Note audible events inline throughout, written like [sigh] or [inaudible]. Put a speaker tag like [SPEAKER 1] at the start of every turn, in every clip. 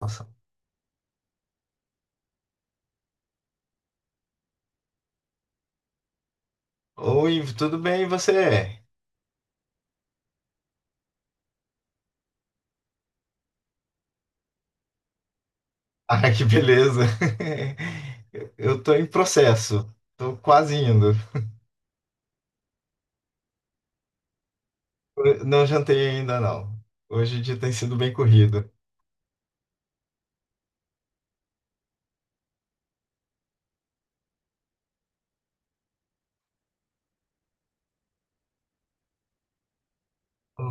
[SPEAKER 1] Nossa. Oi, tudo bem, e você? Ah, que beleza. [laughs] Eu tô em processo. Tô quase indo. Não jantei ainda, não. Hoje o dia tem sido bem corrido.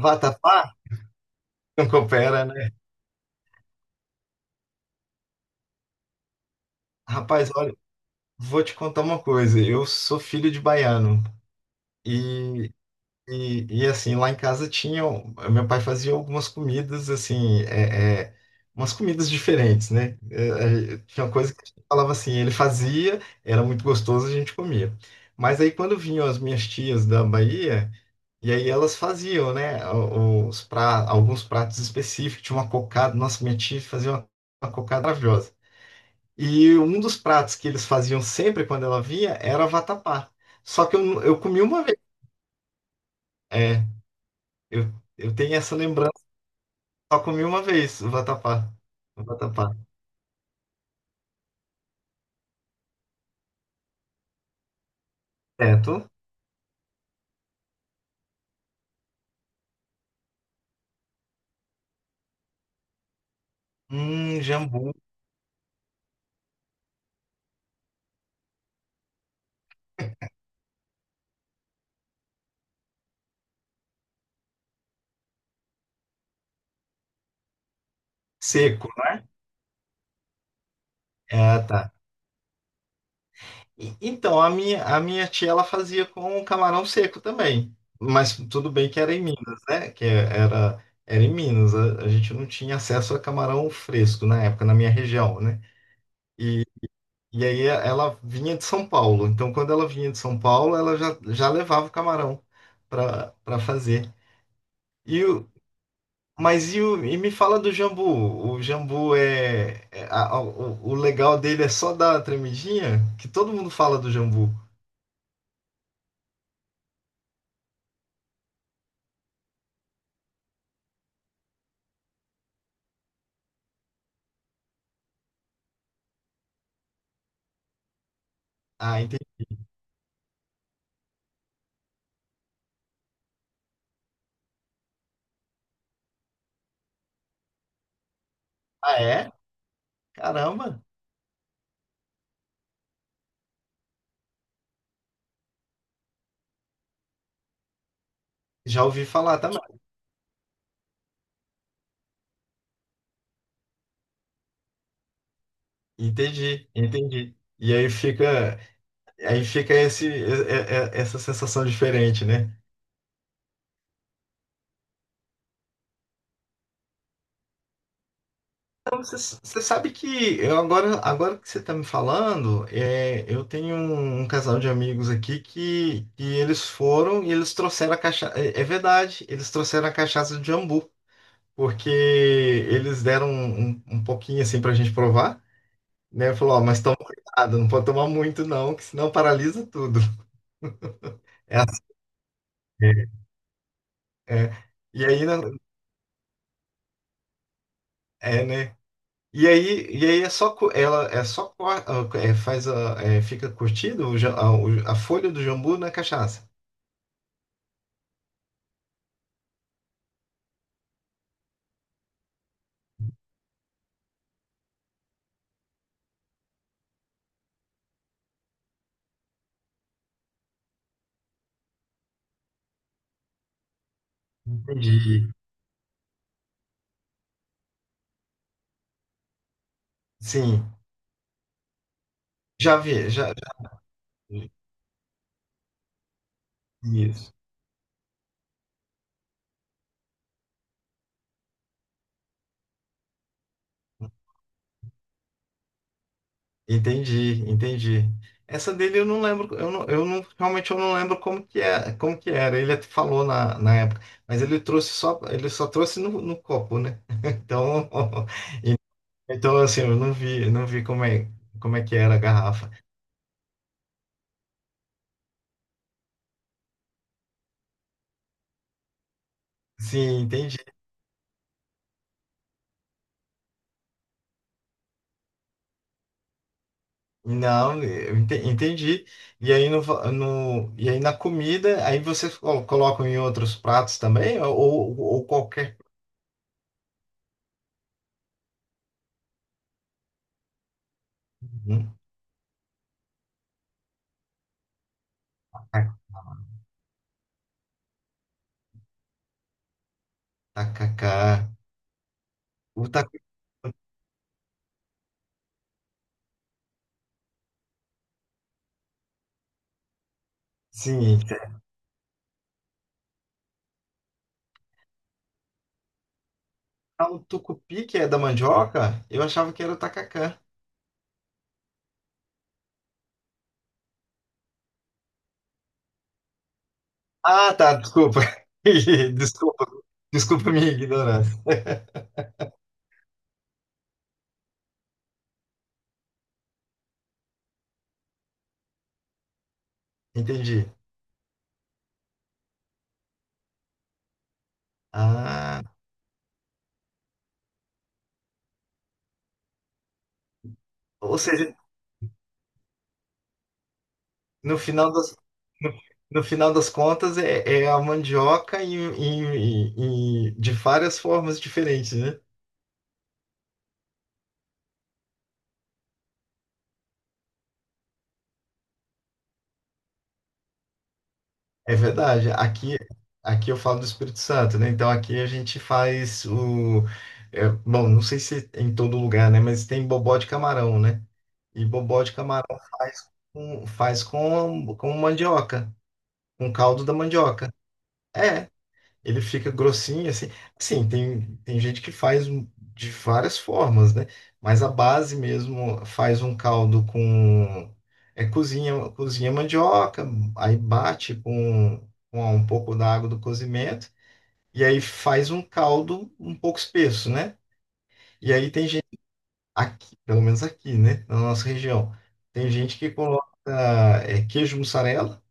[SPEAKER 1] Vatapá? Não coopera, né? Rapaz, olha, vou te contar uma coisa. Eu sou filho de baiano. E e assim, lá em casa tinham. Meu pai fazia algumas comidas, assim, umas comidas diferentes, né? Tinha uma coisa que a gente falava assim, ele fazia, era muito gostoso, a gente comia. Mas aí quando vinham as minhas tias da Bahia, e aí elas faziam, né? Alguns pratos específicos, tinha uma cocada, nossa, minha tia fazia uma cocada maravilhosa. E um dos pratos que eles faziam sempre quando ela vinha era vatapá. Só que eu comi uma vez. é, Eu, eu tenho essa lembrança, só comi uma vez o vatapá. O vatapá. Certo? Jambu seco, né? Ah, tá. Então, a minha tia, ela fazia com camarão seco também. Mas tudo bem que era em Minas, né? Que era em Minas. A gente não tinha acesso a camarão fresco na época, na minha região, né? E, e aí ela vinha de São Paulo. Então, quando ela vinha de São Paulo, ela já levava o camarão para fazer. E, o- Mas me fala do jambu. O jambu o legal dele é só dar a tremidinha? Que todo mundo fala do jambu. Ah, entendi. Ah, é? Caramba! Já ouvi falar também. Entendi, entendi. Aí fica esse, essa sensação diferente, né? Você, você sabe que eu agora que você está me falando, eu tenho um casal de amigos aqui que eles foram e eles trouxeram a cachaça. É verdade, eles trouxeram a cachaça de jambu. Porque eles deram um pouquinho assim pra gente provar, né? Falou, ó, mas toma cuidado, não pode tomar muito não, que senão paralisa tudo. É assim, é. E aí, né, é, né? E aí, é só cu- ela é só co- fica curtido o ja- a, o- a folha do jambu na cachaça. Entendi. Sim, já vi. Entendi, entendi. Essa dele eu não lembro, eu não, realmente eu não lembro como que é, como que era. Ele até falou na época, mas ele só trouxe no copo, né? [laughs] Então, [laughs] então assim, eu não vi como é que era a garrafa. Sim, entendi. Não, entendi. E aí no, va- no- e aí na comida, aí vocês colocam em outros pratos também, ou qualquer. Hum, Tacacá. O taco, sim. Ah, o tucupi que é da mandioca? Eu achava que era o tacacá. Ah, tá, desculpa. [laughs] Desculpa. Desculpa a minha ignorância. [laughs] Entendi. Ah, ou seja, no final das, no, no final das contas é a mandioca em de várias formas diferentes, né? É verdade. Aqui, eu falo do Espírito Santo, né? Então aqui a gente faz. Bom, não sei se em todo lugar, né? Mas tem bobó de camarão, né? E bobó de camarão faz com mandioca, com caldo da mandioca. É. Ele fica grossinho, assim. Assim, tem gente que faz de várias formas, né? Mas a base mesmo faz um caldo com. Cozinha mandioca, aí bate com um pouco da água do cozimento, e aí faz um caldo um pouco espesso, né? E aí tem gente, aqui, pelo menos aqui, né? Na nossa região, tem gente que coloca queijo mussarela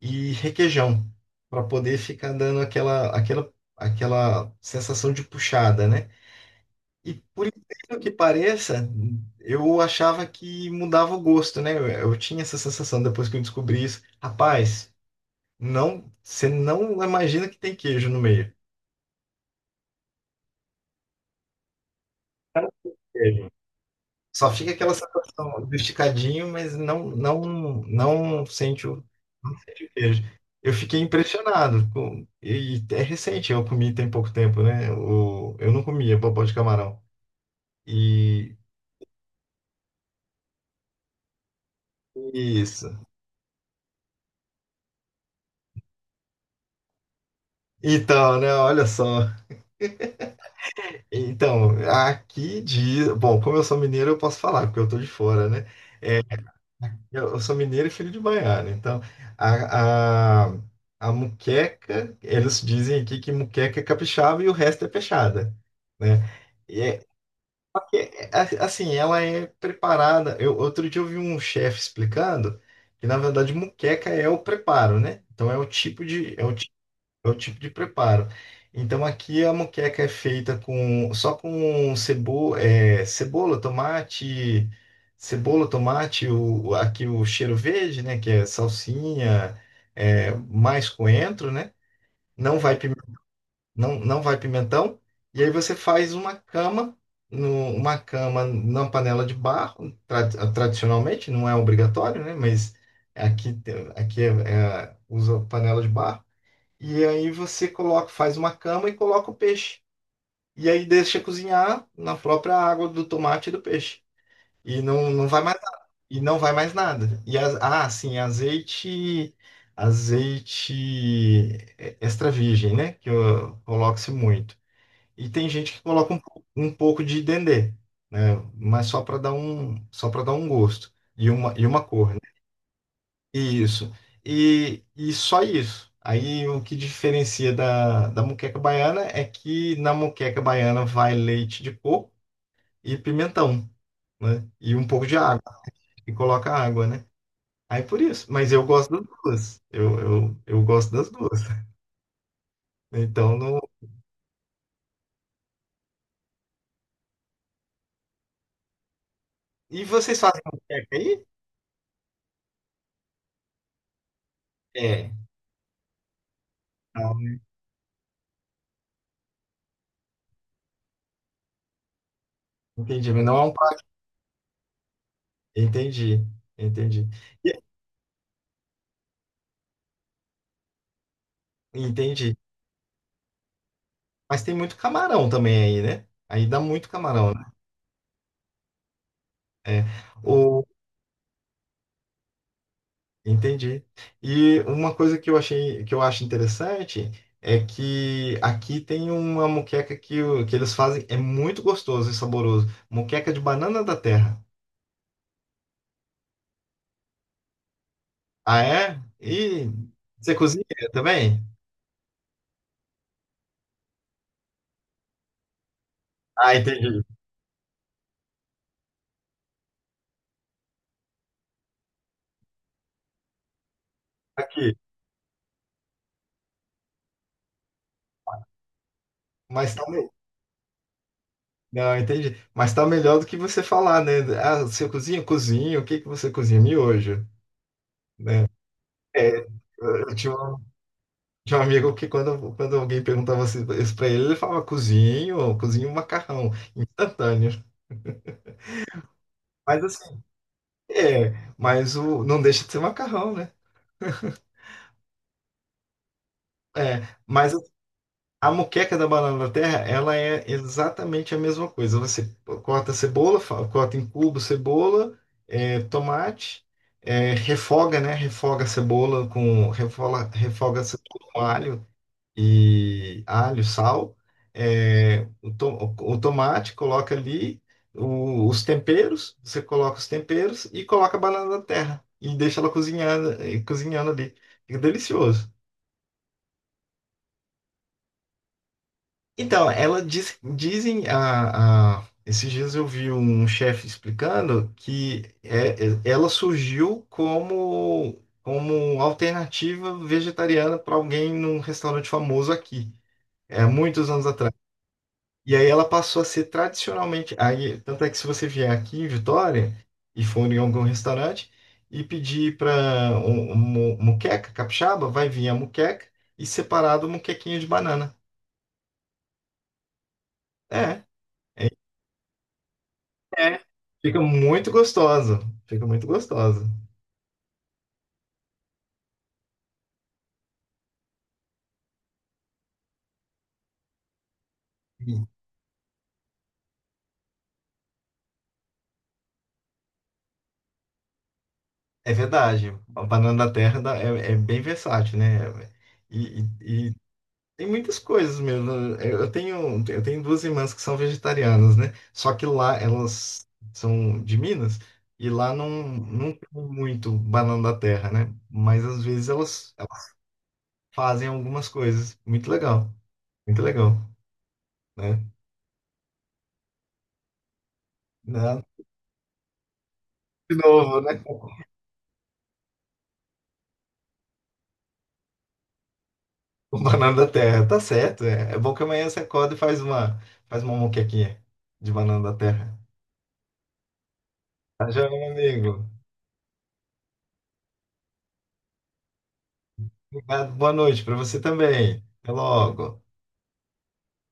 [SPEAKER 1] e requeijão, para poder ficar dando aquela sensação de puxada, né? E por incrível que pareça, eu achava que mudava o gosto, né? Eu tinha essa sensação depois que eu descobri isso. Rapaz, não, você não imagina que tem queijo no meio. Só fica aquela sensação do esticadinho, mas não sente o queijo. Eu fiquei impressionado. E é recente, eu comi tem pouco tempo, né? Eu não comia bobó de camarão. E isso. Então, né? Olha só. Então, aqui diz. Bom, como eu sou mineiro, eu posso falar, porque eu tô de fora, né? Eu sou mineiro e filho de baiano. Então, a, a, a muqueca, eles dizem aqui que muqueca é capixaba e o resto é peixada, né? E assim, ela é preparada. Eu, outro dia eu vi um chefe explicando que, na verdade, muqueca é o preparo, né? Então, é o tipo de, é o é o tipo de preparo. Então aqui a moqueca é feita com só com cebo, é, cebola, tomate, aqui o cheiro verde, né? Que é salsinha, mais coentro, né? Não vai, pime- não vai pimentão. E aí você faz uma cama, no, uma cama na panela de barro, tradicionalmente, não é obrigatório, né? Mas aqui, aqui, usa panela de barro. E aí você faz uma cama e coloca o peixe. E aí deixa cozinhar na própria água do tomate e do peixe. E não vai mais nada. E não vai mais nada. Ah, sim, azeite azeite extra virgem, né? Coloca-se muito. E tem gente que coloca um pouco de dendê, né? Mas só para dar um gosto e uma cor. Né? Isso. E só isso. Aí o que diferencia da moqueca baiana é que na moqueca baiana vai leite de coco e pimentão, né? E um pouco de água. E coloca água, né? Aí por isso. Mas eu gosto das duas. Eu gosto das duas. Então não. E vocês fazem moqueca aí? É. Não, entendi. Mas não é um prato. Entendi. Entendi. E- Entendi. Mas tem muito camarão também aí, né? Aí dá muito camarão, né? É. Entendi. E uma coisa que eu achei, que eu acho interessante é que aqui tem uma moqueca que eles fazem, é muito gostoso e saboroso. Moqueca de banana da terra. Ah, é? E você cozinha também? Ah, entendi. Aqui. Mas tá, não, entendi. Mas tá melhor do que você falar, né? Ah, você cozinha? Cozinho. O que que você cozinha? Miojo. É, eu tinha Tinha um amigo que quando alguém perguntava assim isso pra ele, ele falava cozinho, cozinho um macarrão, instantâneo. Mas assim, é, mas não deixa de ser macarrão, né? É, mas a moqueca da banana da terra, ela é exatamente a mesma coisa. Você corta a cebola, corta em cubo cebola, tomate, refoga, né? Refoga a cebola com alho, e alho, sal, é, o, to- o tomate, coloca ali os temperos e coloca a banana da terra e deixa ela cozinhando ali. Fica delicioso. Então, ela diz, dizem a- esses dias eu vi um chefe explicando que ela surgiu como alternativa vegetariana para alguém num restaurante famoso aqui. É, muitos anos atrás. E aí ela passou a ser tradicionalmente. Aí, tanto é que se você vier aqui em Vitória e for em algum restaurante e pedir para muqueca capixaba, vai vir a muqueca e separado o muquequinho de banana. É, é. Fica muito gostosa. Fica muito gostosa. E É verdade. A banana da terra é bem versátil, né? E, e- Tem muitas coisas mesmo. Eu tenho duas irmãs que são vegetarianas, né? Só que lá elas são de Minas e lá não tem muito banana da terra, né? Mas às vezes elas fazem algumas coisas. Muito legal, né? Né? De novo, né? [laughs] O banana da terra. Tá certo. É bom que amanhã você acorda e faz uma moquequinha de banana da terra. Tá, joia, meu amigo? Obrigado, boa noite para você também. Até logo.